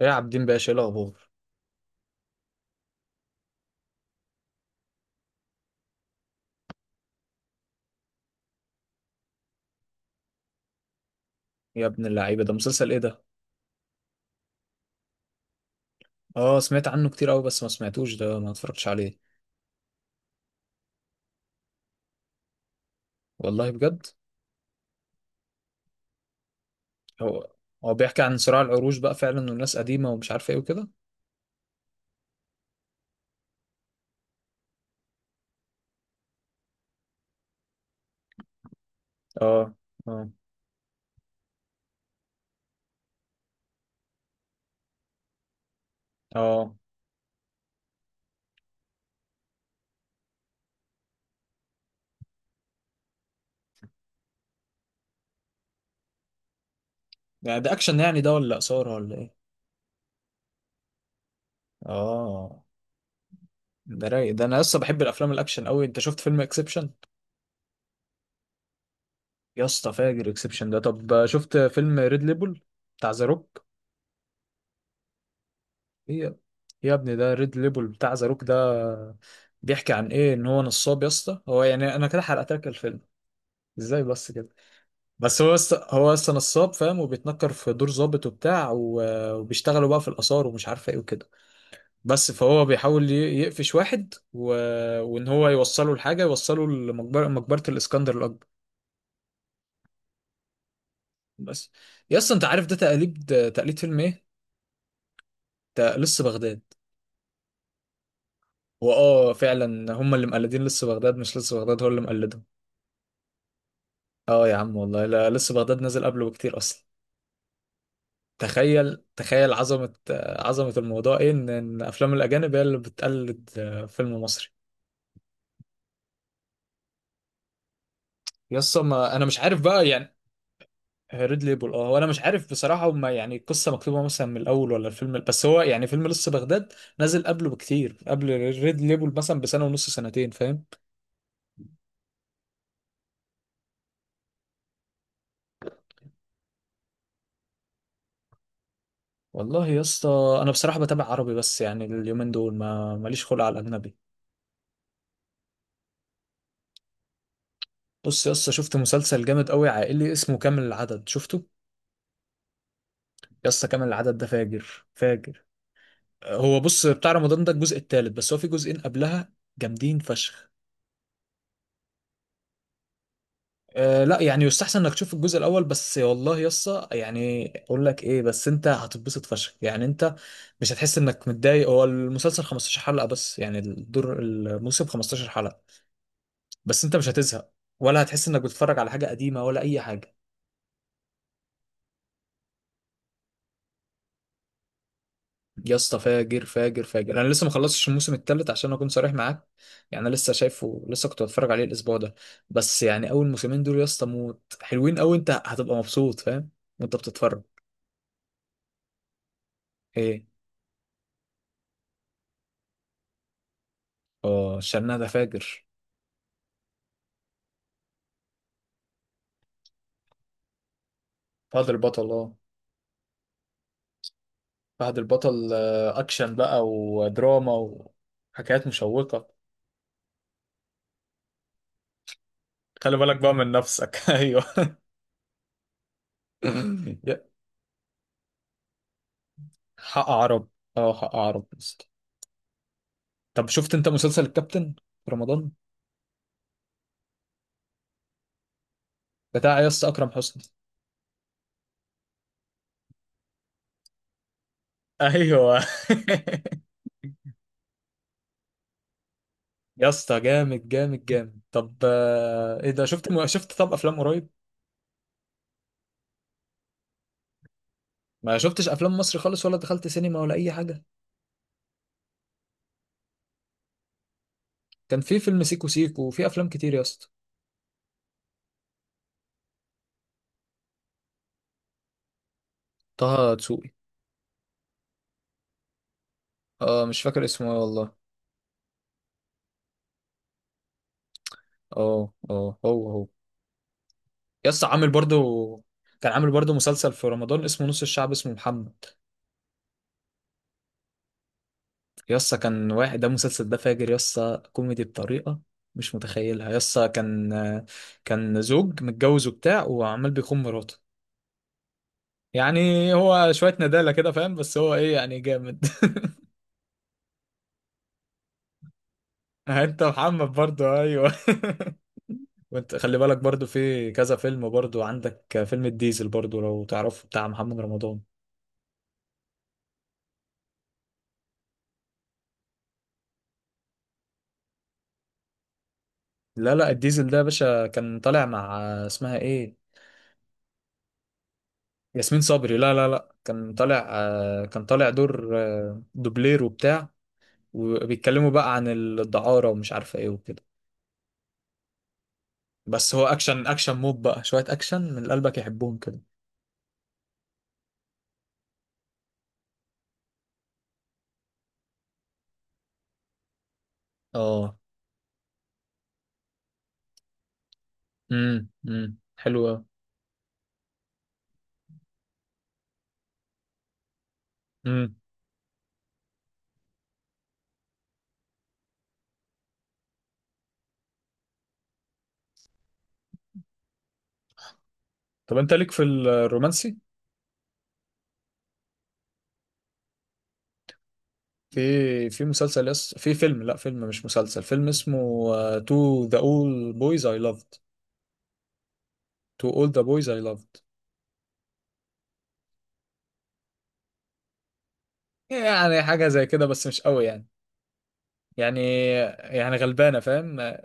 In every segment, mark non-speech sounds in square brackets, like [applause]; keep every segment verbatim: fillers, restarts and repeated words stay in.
ايه يا عابدين باشا، ايه الاخبار؟ يا ابن اللعيبه، ده مسلسل ايه ده؟ اه، سمعت عنه كتير قوي بس ما سمعتوش، ده ما اتفرجتش عليه. والله بجد. هو هو بيحكي عن صراع العروش بقى فعلا، والناس قديمه ومش عارفه ايه وكده. اه، اه، اه. يعني ده اكشن يعني ده ولا اثاره ولا ايه؟ اه. ده رايق ده، انا لسه بحب الافلام الاكشن قوي. انت شفت فيلم اكسبشن؟ يا اسطى فاجر اكسبشن ده. طب شفت فيلم ريد ليبل بتاع ذا روك؟ إيه يا يا ابني ده ريد ليبل بتاع زاروك ده، بيحكي عن ايه؟ ان هو نصاب يا اسطى. هو يعني انا كده حرقت لك الفيلم، ازاي بس كده. بس هو يسطى، هو يسطى نصاب فاهم، وبيتنكر في دور ظابط وبتاع و- وبيشتغلوا بقى في الاثار ومش عارفه ايه وكده. بس فهو بيحاول ي- يقفش واحد و... وان هو يوصله لحاجه، يوصله لمقبره، مقبره الاسكندر الاكبر. بس يا اسطى انت عارف ده تقليد تقليد فيلم ايه؟ ده لص بغداد. واه فعلا، هم اللي مقلدين لص بغداد، مش لص بغداد هو اللي مقلده. اه يا عم، والله لا، لسه بغداد نازل قبله بكتير اصلا. تخيل تخيل عظمة، آه، عظمة الموضوع ايه، ان إن افلام الاجانب هي اللي بتقلد، آه، فيلم مصري. يس ما انا مش عارف بقى يعني. ريد ليبل اه، وانا مش عارف بصراحة، هما يعني القصة مكتوبة مثلا من الاول ولا الفيلم، بس هو يعني فيلم لسه بغداد نازل قبله بكتير، قبل ريد ليبل مثلا بسنة ونص، سنتين فاهم. والله يا اسطى، انا بصراحة بتابع عربي بس، يعني اليومين دول ما ماليش خلق على الاجنبي. بص يا اسطى، شفت مسلسل جامد قوي عائلي اسمه كامل العدد، شفته؟ يسطا كامل العدد ده فاجر فاجر. هو بص، بتاع رمضان ده الجزء الثالث، بس هو في جزئين قبلها جامدين فشخ. أه لا، يعني يستحسن انك تشوف الجزء الاول بس. والله يسطا يعني اقول لك ايه، بس انت هتتبسط فشخ يعني، انت مش هتحس انك متضايق. هو المسلسل 15 حلقة بس، يعني الدور، الموسم 15 حلقة، بس انت مش هتزهق، ولا هتحس انك بتتفرج على حاجة قديمة ولا اي حاجة. يا اسطى فاجر فاجر فاجر، انا لسه ما خلصتش الموسم الثالث عشان اكون صريح معاك. يعني انا لسه شايفه، لسه كنت بتفرج عليه الاسبوع ده. بس يعني اول موسمين دول يا اسطى موت، حلوين قوي، انت هتبقى مبسوط فاهم وانت بتتفرج. ايه. اه، شرنا ده فاجر. فهد البطل اه. فهد البطل، آه، اكشن بقى ودراما وحكايات مشوقة. خلي بالك بقى من نفسك. [laughs] ايوه. [laughs] يا- حق عرب. اه، حق عرب يا اسطى. طب شفت انت مسلسل الكابتن في رمضان؟ بتاع يا اسطى اكرم حسني. ايوه. [laughs] يا اسطى جامد جامد جامد. طب آه، ايه ده، شفت م... شفت طب افلام قريب؟ ما شفتش افلام مصري خالص، ولا دخلت سينما ولا اي حاجه. كان في فيلم سيكو سيكو وفي افلام كتير يا اسطى. طه دسوقي. اه، مش فاكر اسمه ايه والله. اه، اه، هو هو. يا اسطى عامل برضو، كان عامل برضو مسلسل في رمضان اسمه نص الشعب اسمه محمد. يا اسطى كان واحد، ده المسلسل ده فاجر يا اسطى، كوميدي بطريقه مش متخيلها يا اسطى. كان كان زوج متجوز وبتاع وعمال بيخون مراته. يعني هو شوية ندالة كده فاهم، بس هو ايه يعني جامد. [laughs] انت محمد برضو ايوه. وانت خلي بالك برضو في كذا فيلم برضو، عندك فيلم الديزل برضو لو تعرفه، بتاع محمد رمضان. لا لا، الديزل ده يا باشا كان طالع مع، اسمها ايه، ياسمين صبري. لا لا لا، كان طالع، آه، كان طالع دور، آه، دوبلير وبتاع، وبيتكلموا بقى عن الدعارة ومش عارفة ايه وكده. بس هو اكشن اكشن موب بقى، شوية اكشن من اللي قلبك يحبهم كده. اه. امم امم حلوة. طب انت ليك في الرومانسي؟ في في مسلسل، يس في فيلم، لا فيلم مش مسلسل، فيلم اسمه تو ذا اول بويز اي لافد. تو اول ذا بويز اي لافد. يعني حاجه زي كده بس مش قوي يعني، يعني يعني غلبانه فاهم.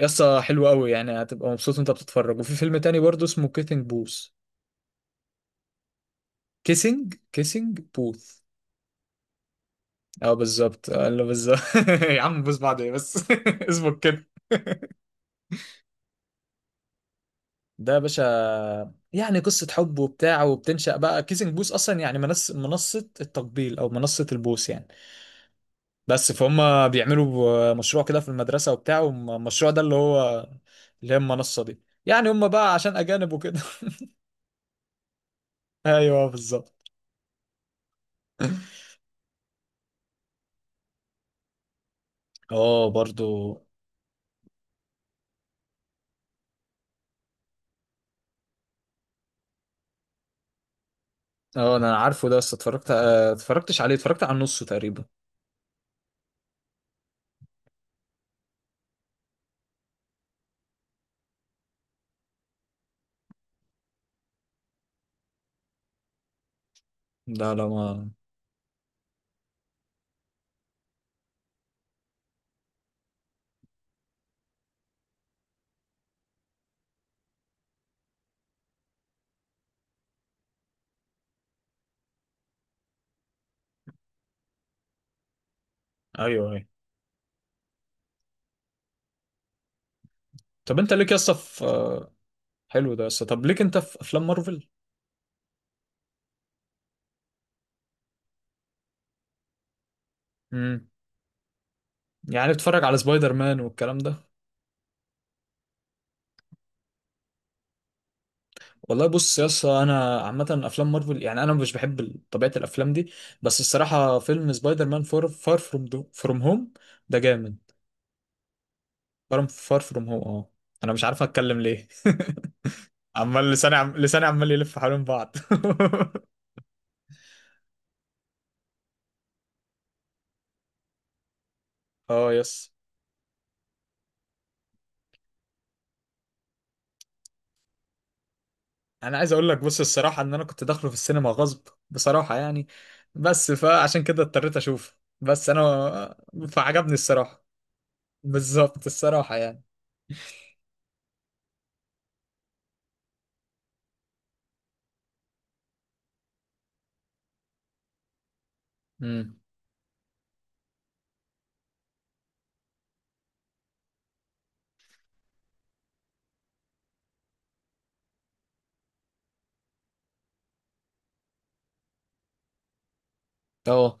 يسطا حلو قوي يعني، هتبقى مبسوط وانت بتتفرج. وفي فيلم تاني برضه اسمه كيسنج بوث. كيسنج كيسنج بوث. اه بالظبط، آه، اللي بالظبط. [laughs] يا عم بوس بعد ايه بس. [laughs] اظبط كده. ده يا باشا، يعني قصة حب وبتاع، وبتنشأ بقى كيسنج بوث، أصلا يعني منص منصة التقبيل أو منصة البوث يعني. بس فهم. بيعملوا مشروع كده في المدرسة وبتاع، والمشروع ده اللي هو، اللي هي المنصة دي، يعني هم بقى عشان أجانب وكده. [laughs] أيوه بالظبط. اه برضو. اه انا عارفه ده، بس اتفرجت، آه، اتفرجتش عليه، اتفرجت على نصه تقريبا. لا لا ما. ايوه ايوه. طب انت ليك يا اسطى في، آه، حلو ده يا اسطى، طب ليك انت في افلام مارفل؟ مم. يعني بتفرج على سبايدر مان والكلام ده؟ والله بص يا اسطى، انا عامه افلام مارفل، يعني انا مش بحب ال- طبيعه الافلام دي. بس الصراحه فيلم سبايدر مان فور، فار فروم فروم هوم، ده جامد. فار فار فروم هوم اه. انا مش عارف اتكلم ليه. [laughs] عمال لساني عم... لساني عمال يلف حوالين بعض. [laughs] اه يس. انا عايز اقول لك بص الصراحه، ان انا كنت داخله في السينما غصب بصراحه يعني، بس فعشان كده اضطريت اشوفه. بس انا فعجبني الصراحه. بالظبط الصراحه يعني. مم. اه.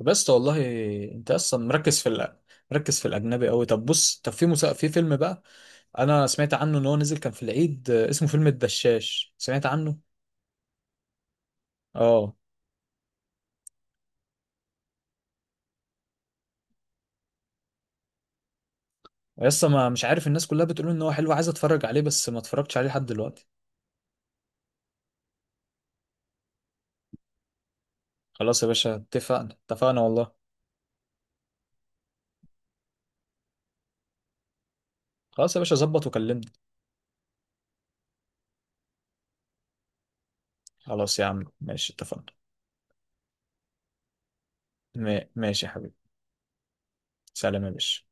بس والله انت اصلا مركز في الأ... مركز في الاجنبي قوي. طب بص، طب في مسا... في فيلم بقى، انا سمعت عنه ان هو نزل، كان في العيد، آه، اسمه فيلم الدشاش، سمعت عنه؟ اه لسه، ما مش عارف، الناس كلها بتقول ان هو حلو، عايز اتفرج عليه بس ما اتفرجتش عليه لحد دلوقتي. خلاص يا باشا اتفقنا، اتفقنا والله. خلاص يا باشا، ظبط وكلمني. خلاص يا عم ماشي، اتفقنا. ما- ماشي يا حبيبي. سلام يا باشا.